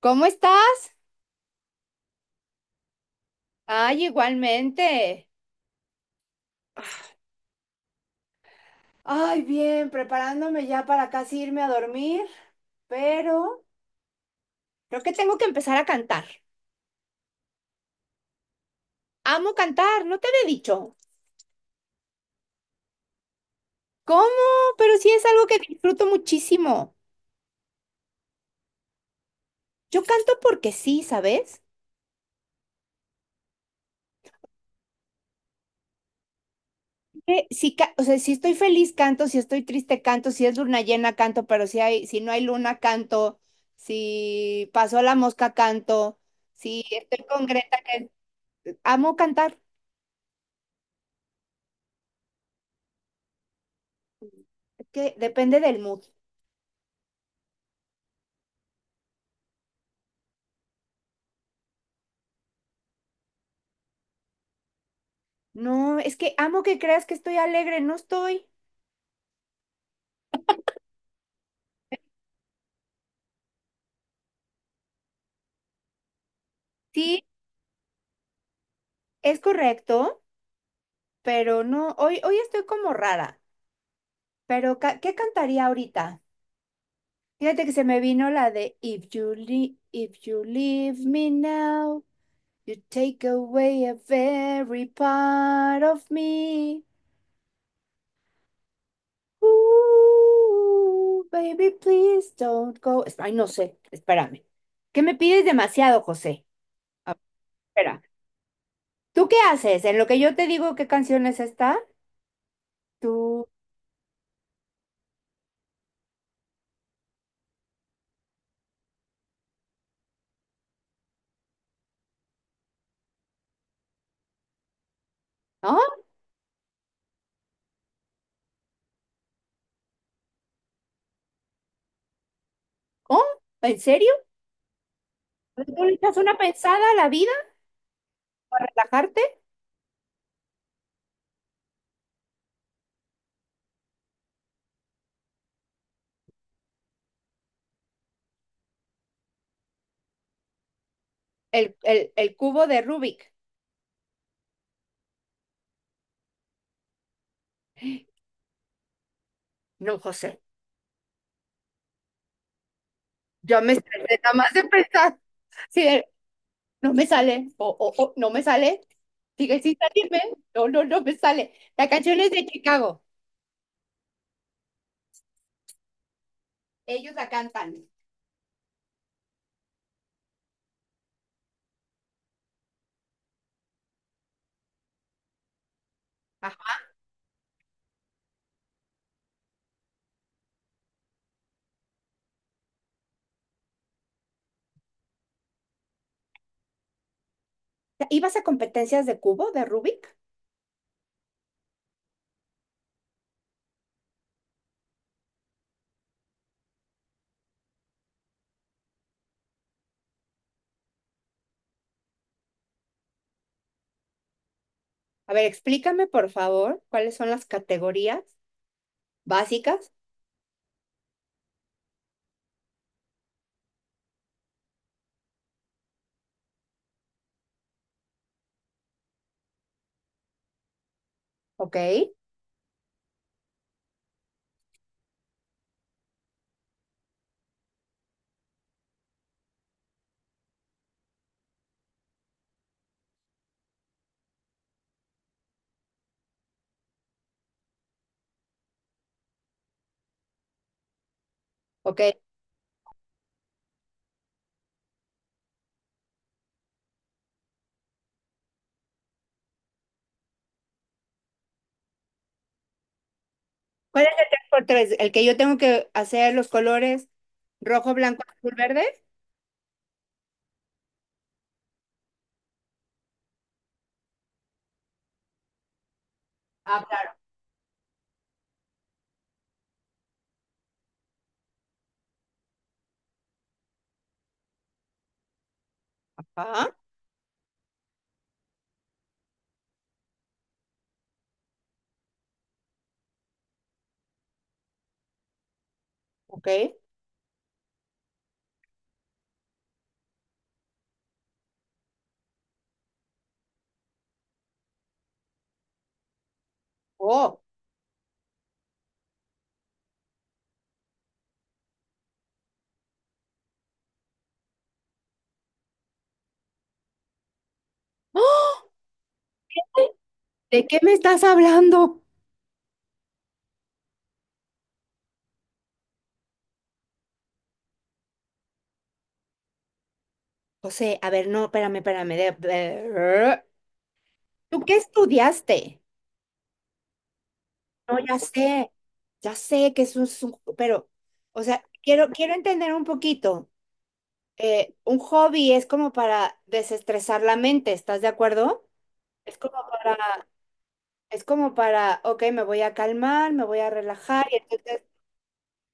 ¿Cómo estás? Ay, igualmente. Ay, bien, preparándome ya para casi irme a dormir, pero creo que tengo que empezar a cantar. Amo cantar, no te había dicho. ¿Cómo? Pero sí es algo que disfruto muchísimo. Yo canto porque sí, ¿sabes? Que sí, o sea, si estoy feliz canto, si estoy triste canto, si es luna llena canto, pero si no hay luna canto, si pasó la mosca canto, si estoy con Greta, que amo cantar. Es que depende del mood. No, es que amo que creas que estoy alegre, no estoy. Sí, es correcto, pero no, hoy, hoy estoy como rara. Pero, ¿qué cantaría ahorita? Fíjate que se me vino la de If you leave, if you leave me now, you take away a very part of me. Ooh, baby, please don't go. Ay, no sé, espérame. ¿Qué me pides demasiado, José? A ver, espera. ¿Tú qué haces? En lo que yo te digo qué canciones está, tú... ¿Ah? ¿Oh? ¿En serio? ¿Tú le echas una pensada a la vida para relajarte? El cubo de Rubik. No, José, ya me estresé nada más de pensar. Sí, no me sale. O, no me sale. Sigue sin salirme. No, no, no me sale. La canción es de Chicago. Ellos la cantan. Ajá. ¿Ibas a competencias de cubo de Rubik? A ver, explícame, por favor, cuáles son las categorías básicas. Ok, ok. ¿Cuál es el tres por tres? ¿El que yo tengo que hacer los colores rojo, blanco, azul, verde? Ah, claro. Ajá, ok. Oh. ¡Ah! ¿De qué me estás hablando? José, a ver, no, espérame, espérame. ¿Tú qué estudiaste? No, ya sé que es un, pero, o sea, quiero entender un poquito. Un hobby es como para desestresar la mente, ¿estás de acuerdo? Es como para, es como para, ok, me voy a calmar, me voy a relajar y entonces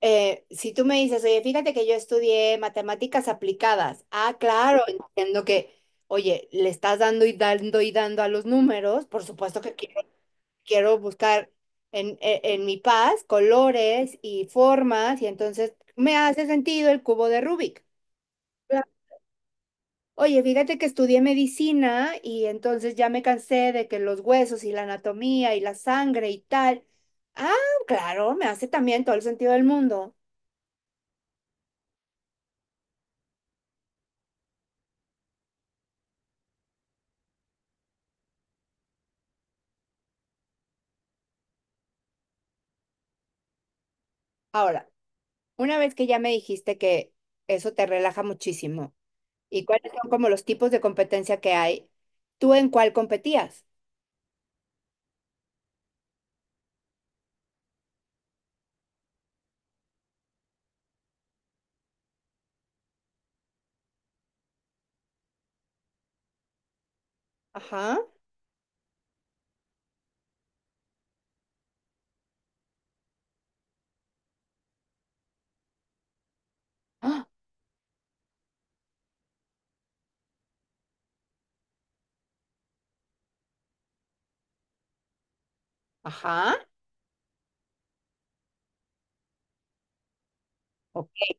eh, si tú me dices, oye, fíjate que yo estudié matemáticas aplicadas. Ah, claro, entiendo que, oye, le estás dando y dando y dando a los números. Por supuesto que quiero, quiero buscar en mi paz colores y formas, y entonces me hace sentido el cubo de Rubik. Claro. Oye, fíjate que estudié medicina y entonces ya me cansé de que los huesos y la anatomía y la sangre y tal. Ah, claro, me hace también todo el sentido del mundo. Ahora, una vez que ya me dijiste que eso te relaja muchísimo y cuáles son como los tipos de competencia que hay, ¿tú en cuál competías? Ajá. ¡Ah! Ajá. Ok.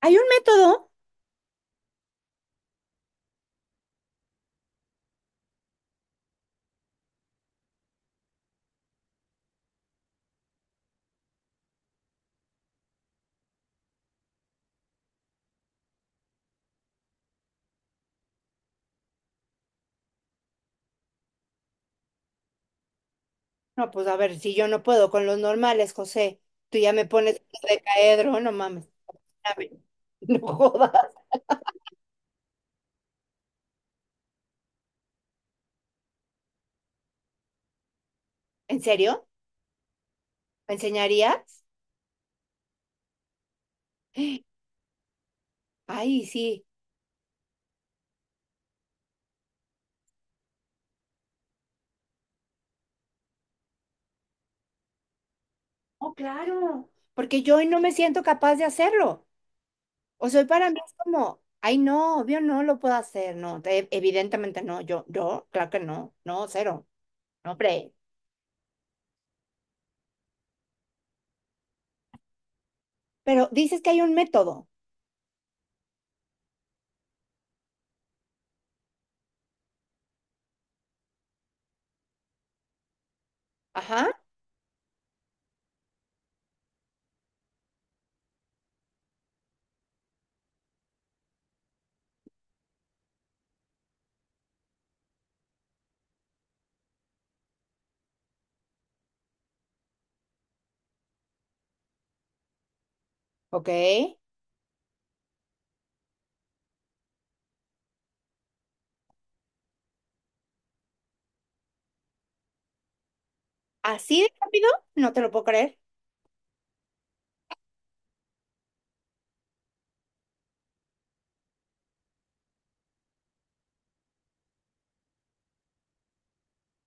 ¿Hay un método? No, pues a ver, si yo no puedo con los normales, José, tú ya me pones de caedro, no mames. Dame. No jodas. ¿En serio? ¿Me enseñarías? Ay, sí. Oh, claro. Porque yo hoy no me siento capaz de hacerlo. O sea, para mí es como, ay, no, obvio no lo puedo hacer, no, evidentemente no, yo, claro que no, no, cero, no, hombre. Pero dices que hay un método, ajá, ok, así de rápido, no te lo puedo creer.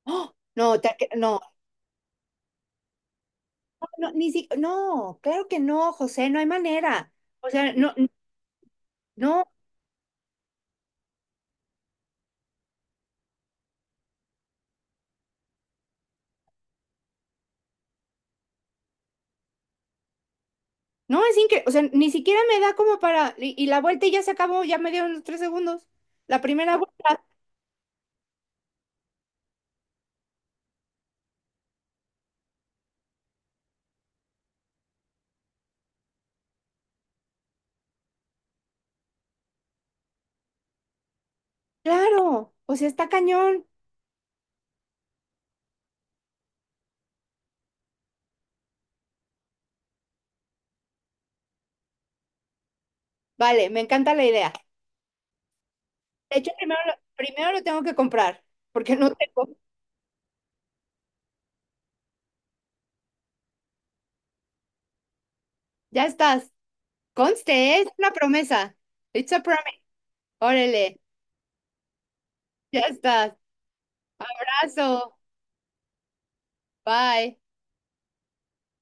¡Oh! No, no, no, no, ni si, no, claro que no, José, no hay manera. O sea, no, no, no, es increíble, o sea, ni siquiera me da como para, y la vuelta y ya se acabó, ya me dieron los 3 segundos. La primera vuelta, claro, o sea, está cañón. Vale, me encanta la idea. De hecho, primero, primero lo tengo que comprar, porque no tengo. Ya estás. Conste, es una promesa. It's a promise. Órale, ya estás. Abrazo. Bye.